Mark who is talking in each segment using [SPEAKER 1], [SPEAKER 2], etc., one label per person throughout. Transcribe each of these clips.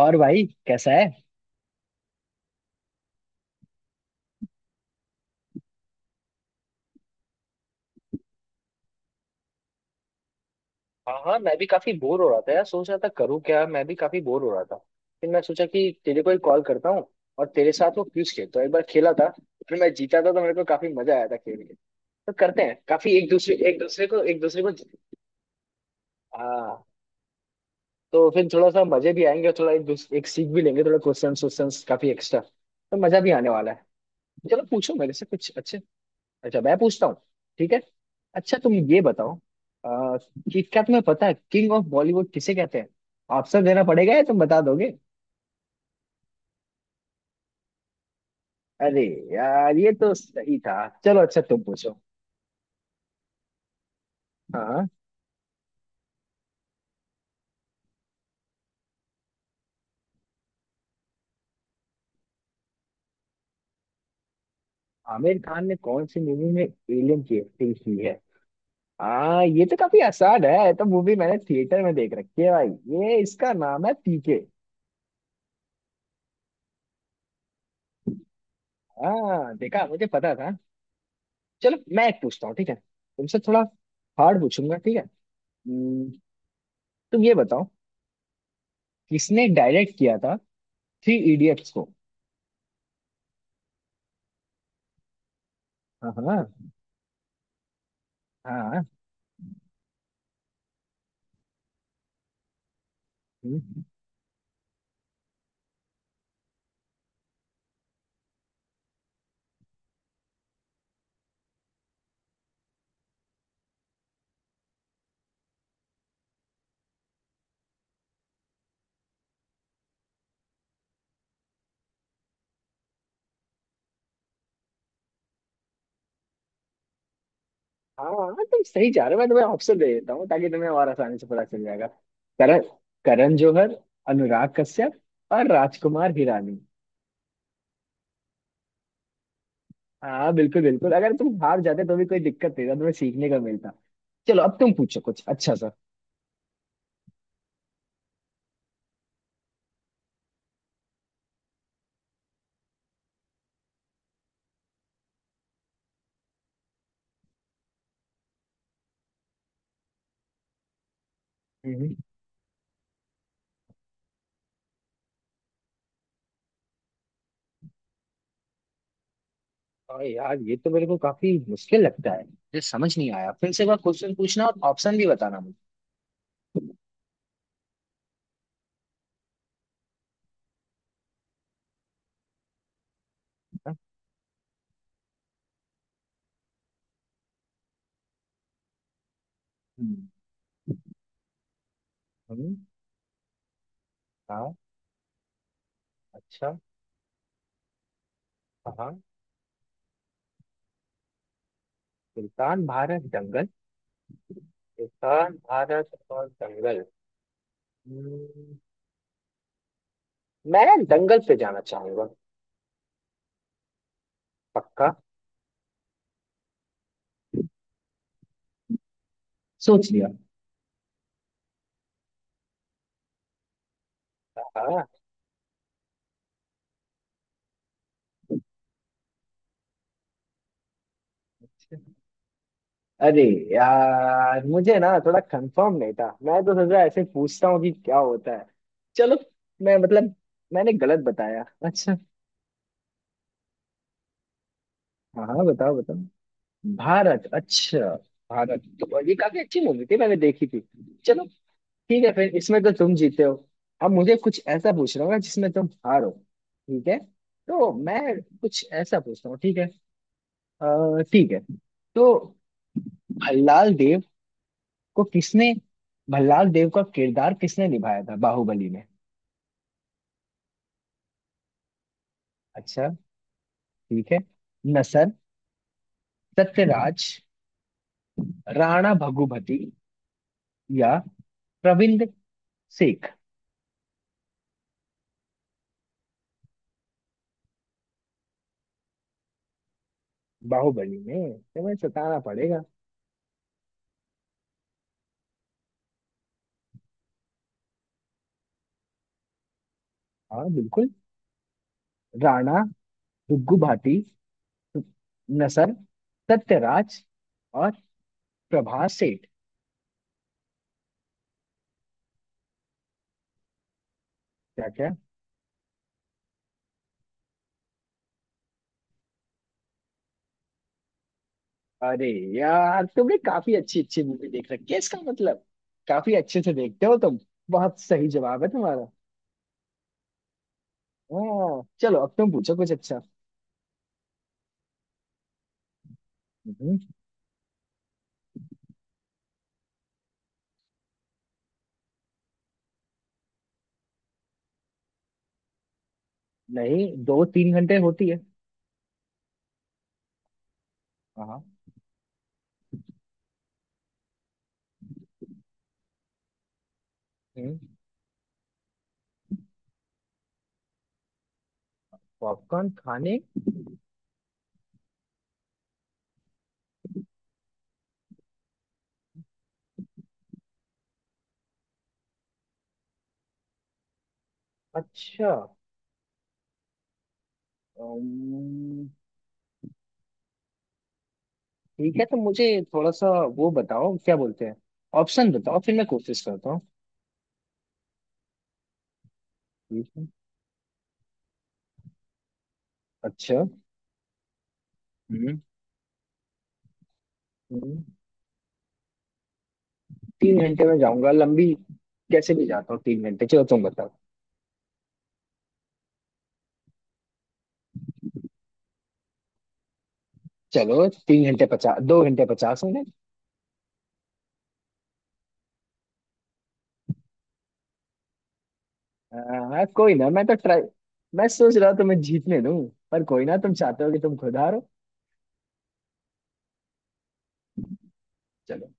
[SPEAKER 1] और भाई कैसा है। हाँ हाँ, मैं भी काफी बोर हो रहा था यार। सोच रहा था करूँ क्या। मैं भी काफी बोर हो रहा था फिर मैं सोचा कि तेरे को ही कॉल करता हूँ। और तेरे साथ वो क्विज खेलता हूँ, एक बार खेला था। फिर मैं जीता था तो मेरे को काफी मजा आया था खेल के। तो करते हैं। काफी एक दूसरे एक दूसरे को। हाँ। तो फिर थोड़ा सा मजे भी आएंगे और थोड़ा एक दूसरे एक सीख भी लेंगे, थोड़ा क्वेश्चन क्वेश्चन काफी एक्स्ट्रा, तो मजा भी आने वाला है। चलो पूछो मेरे से कुछ अच्छे। अच्छा मैं पूछता हूँ। ठीक है। अच्छा तुम ये बताओ, आ, कि क्या तुम्हें पता है किंग ऑफ बॉलीवुड किसे कहते हैं? ऑप्शन देना पड़ेगा या तुम बता दोगे? अरे यार, ये तो सही था। चलो अच्छा तुम पूछो। हाँ। आमिर खान ने कौन सी मूवी में एलियन की एक्टिंग की है? हाँ, ये तो काफी आसान है, ये तो मूवी मैंने थिएटर में देख रखी है भाई। ये, इसका नाम है पीके। हाँ देखा, मुझे पता था। चलो मैं एक पूछता हूँ, ठीक है? तुमसे थोड़ा हार्ड पूछूंगा, ठीक है? हम्म, तुम ये बताओ, किसने डायरेक्ट किया था थ्री इडियट्स को? हाँ हाँ। हाँ। हम्म, हाँ हाँ, तुम सही जा रहे हो, मैं तुम्हें ऑप्शन दे देता हूँ ताकि तुम्हें और आसानी से पता चल जाएगा। करण। करण जौहर। अनुराग कश्यप। और राजकुमार हिरानी। हाँ बिल्कुल बिल्कुल। अगर तुम हार जाते तो भी कोई दिक्कत नहीं था, तुम्हें सीखने का मिलता। चलो अब तुम पूछो कुछ अच्छा सा। हम्म। और यार ये तो मेरे को काफी मुश्किल लगता है, मुझे समझ नहीं आया। फिर से एक बार क्वेश्चन पूछना और ऑप्शन भी बताना मुझे। हाँ? हम्म। हम्म, हाँ। अच्छा। हाँ। सुल्तान भारत जंगल। सुल्तान भारत और जंगल। हम्म, मैं जंगल पे जाना चाहूंगा। पक्का। सोच लिया। हाँ। अरे यार, मुझे ना थोड़ा कंफर्म नहीं था, मैं तो सोचा ऐसे पूछता हूँ कि क्या होता है। चलो। मैं मतलब मैंने गलत बताया। अच्छा। हाँ हाँ बताओ बताओ। भारत, अच्छा। भारत तो ये काफी अच्छी मूवी थी, मैंने देखी थी। चलो। ठीक है, फिर इसमें तो तुम जीते हो। अब मुझे कुछ ऐसा पूछ रहा हूँ ना जिसमें तुम हारो, ठीक है? तो मैं कुछ ऐसा पूछता हूँ, ठीक है? ठीक है। तो भल्लाल देव को किसने भल्लाल देव का किरदार किसने निभाया था बाहुबली में? अच्छा, ठीक है। नसर। सत्यराज। राणा भगुभती। या प्रविंद सेठ। बाहुबली में तुम्हें सताना पड़ेगा। हाँ बिल्कुल। राणा दुग्गू भाटी। नसर। सत्यराज। और प्रभास सेठ। क्या क्या। अरे यार, तुमने काफी अच्छी अच्छी मूवी देख रखी है इसका मतलब। काफी अच्छे से देखते हो तुम। बहुत सही जवाब है तुम्हारा। हाँ चलो अब तुम पूछो कुछ अच्छा। हम्म। नहीं, दो तीन घंटे होती है। हाँ। हम्म, पॉपकॉर्न खाने। अच्छा। अम्म, ठीक है, तो मुझे थोड़ा सा वो बताओ, क्या बोलते हैं, ऑप्शन बताओ फिर मैं कोशिश करता हूँ। ठीक है। अच्छा। हम्म। हम्म। तीन घंटे में जाऊंगा, लंबी कैसे भी जाता हूँ, तीन घंटे। चलो तुम बताओ। चलो, तीन घंटे पचास, दो घंटे पचास मिनट। हाँ हाँ, कोई ना, मैं तो ट्राई। मैं सोच रहा था मैं जीतने दूं, पर कोई ना, तुम चाहते हो कि तुम खुद हारो। चलो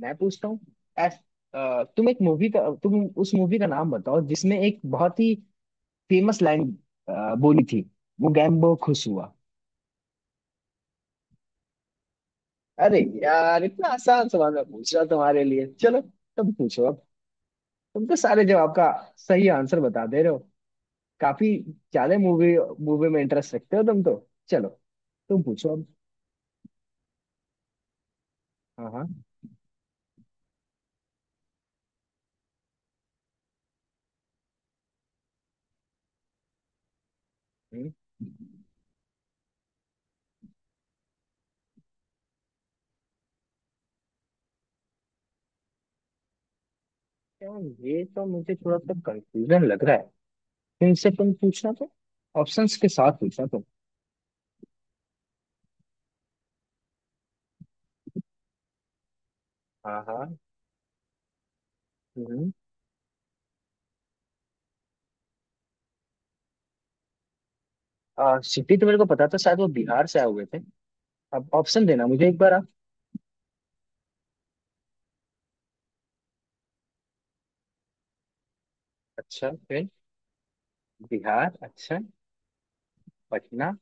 [SPEAKER 1] मैं पूछता हूँ। एस तुम एक मूवी का, तुम उस मूवी का नाम बताओ जिसमें एक बहुत ही फेमस लाइन बोली थी, वो गैम्बो खुश हुआ। अरे यार, इतना आसान सवाल मैं पूछ रहा हूं तुम्हारे लिए। चलो तुम पूछो अब। तुम तो सारे जवाब का सही आंसर बता दे रहे हो। काफी ज्यादा मूवी, मूवी में इंटरेस्ट रखते हो तुम तो। चलो तुम पूछो अब। हाँ हाँ। हम्म, यार ये तो मुझे थोड़ा सा कंफ्यूजन लग रहा है तुमसे। तुम पूछना तो ऑप्शंस के साथ पूछना तुम। हाँ हाँ। हम्म। सिटी तो मेरे को पता था, शायद वो बिहार से आए हुए थे। अब ऑप्शन देना मुझे एक बार आप। अच्छा, फिर। बिहार, अच्छा। पटना।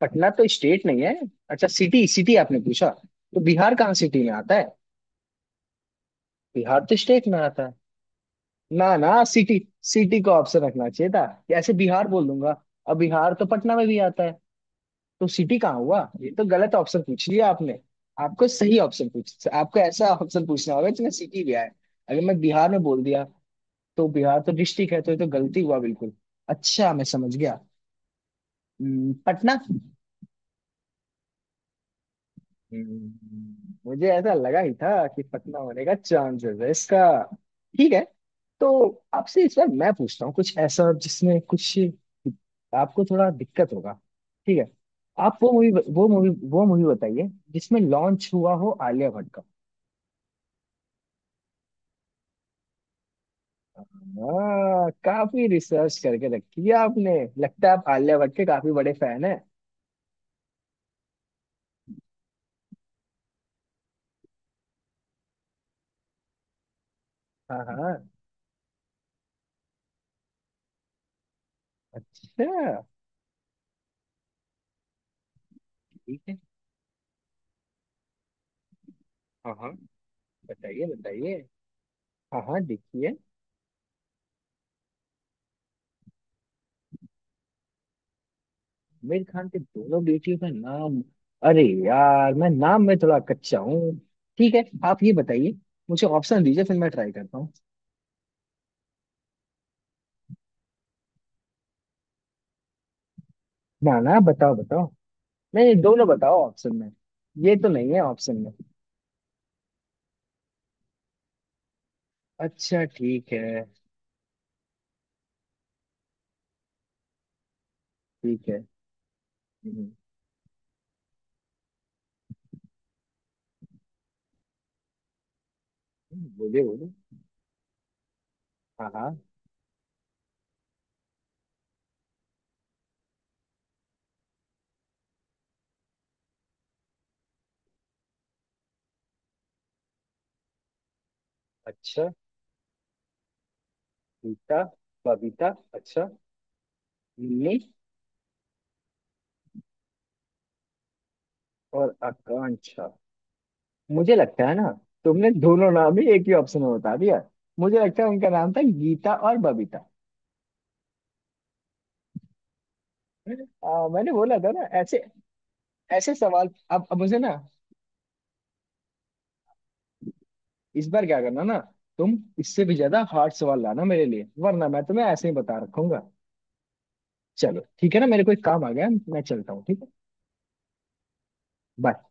[SPEAKER 1] पटना तो स्टेट नहीं है। अच्छा, सिटी सिटी आपने पूछा, तो बिहार कहाँ सिटी में आता है, बिहार तो स्टेट में आता है। ना ना, सिटी। सिटी का ऑप्शन रखना चाहिए था, ऐसे बिहार बोल दूंगा। अब बिहार तो पटना में भी आता है, तो सिटी कहाँ हुआ? ये तो गलत ऑप्शन पूछ लिया आपने। आपको सही ऑप्शन पूछ, आपको ऐसा ऑप्शन पूछना होगा जिसमें सिटी भी आए। अगर मैं बिहार में बोल दिया, तो बिहार तो डिस्ट्रिक्ट है, तो ये तो गलती हुआ बिल्कुल। अच्छा, मैं समझ गया। पटना। हम्म, मुझे ऐसा लगा ही था कि पतला होने का चांसेस है इसका। ठीक है। तो आपसे इस बार मैं पूछता हूँ कुछ ऐसा जिसमें कुछ आपको थोड़ा दिक्कत होगा, ठीक है? आप वो मूवी बताइए जिसमें लॉन्च हुआ हो आलिया भट्ट का। हाँ, काफी रिसर्च करके रखी है आपने, लगता है आप आलिया भट्ट के काफी बड़े फैन हैं। हाँ हाँ। अच्छा। ठीक है। हाँ हाँ, बताइए बताइए। हाँ हाँ, देखिए। आमिर खान के दोनों बेटियों का नाम। अरे यार, मैं नाम में थोड़ा कच्चा हूँ। ठीक है, आप ये बताइए, मुझे ऑप्शन दीजिए फिर मैं ट्राई करता हूँ। ना ना, बताओ बताओ। नहीं नहीं, दोनों बताओ ऑप्शन में। ये तो नहीं है ऑप्शन में। अच्छा ठीक है। ठीक है। हम्म, बोलिए बोलिए। हाँ हाँ। अच्छा। गीता। बबीता, अच्छा। लिली। और आकांक्षा। मुझे लगता है ना, तुमने दोनों नाम ही एक ही ऑप्शन में बता दिया। मुझे लगता है उनका नाम था गीता और बबीता। मैंने बोला था ना ऐसे, ऐसे सवाल। अब मुझे ना, इस बार क्या करना ना, तुम इससे भी ज्यादा हार्ड सवाल लाना मेरे लिए, वरना मैं तुम्हें ऐसे ही बता रखूंगा। चलो ठीक है ना, मेरे को एक काम आ गया है, मैं चलता हूँ, ठीक है। बाय।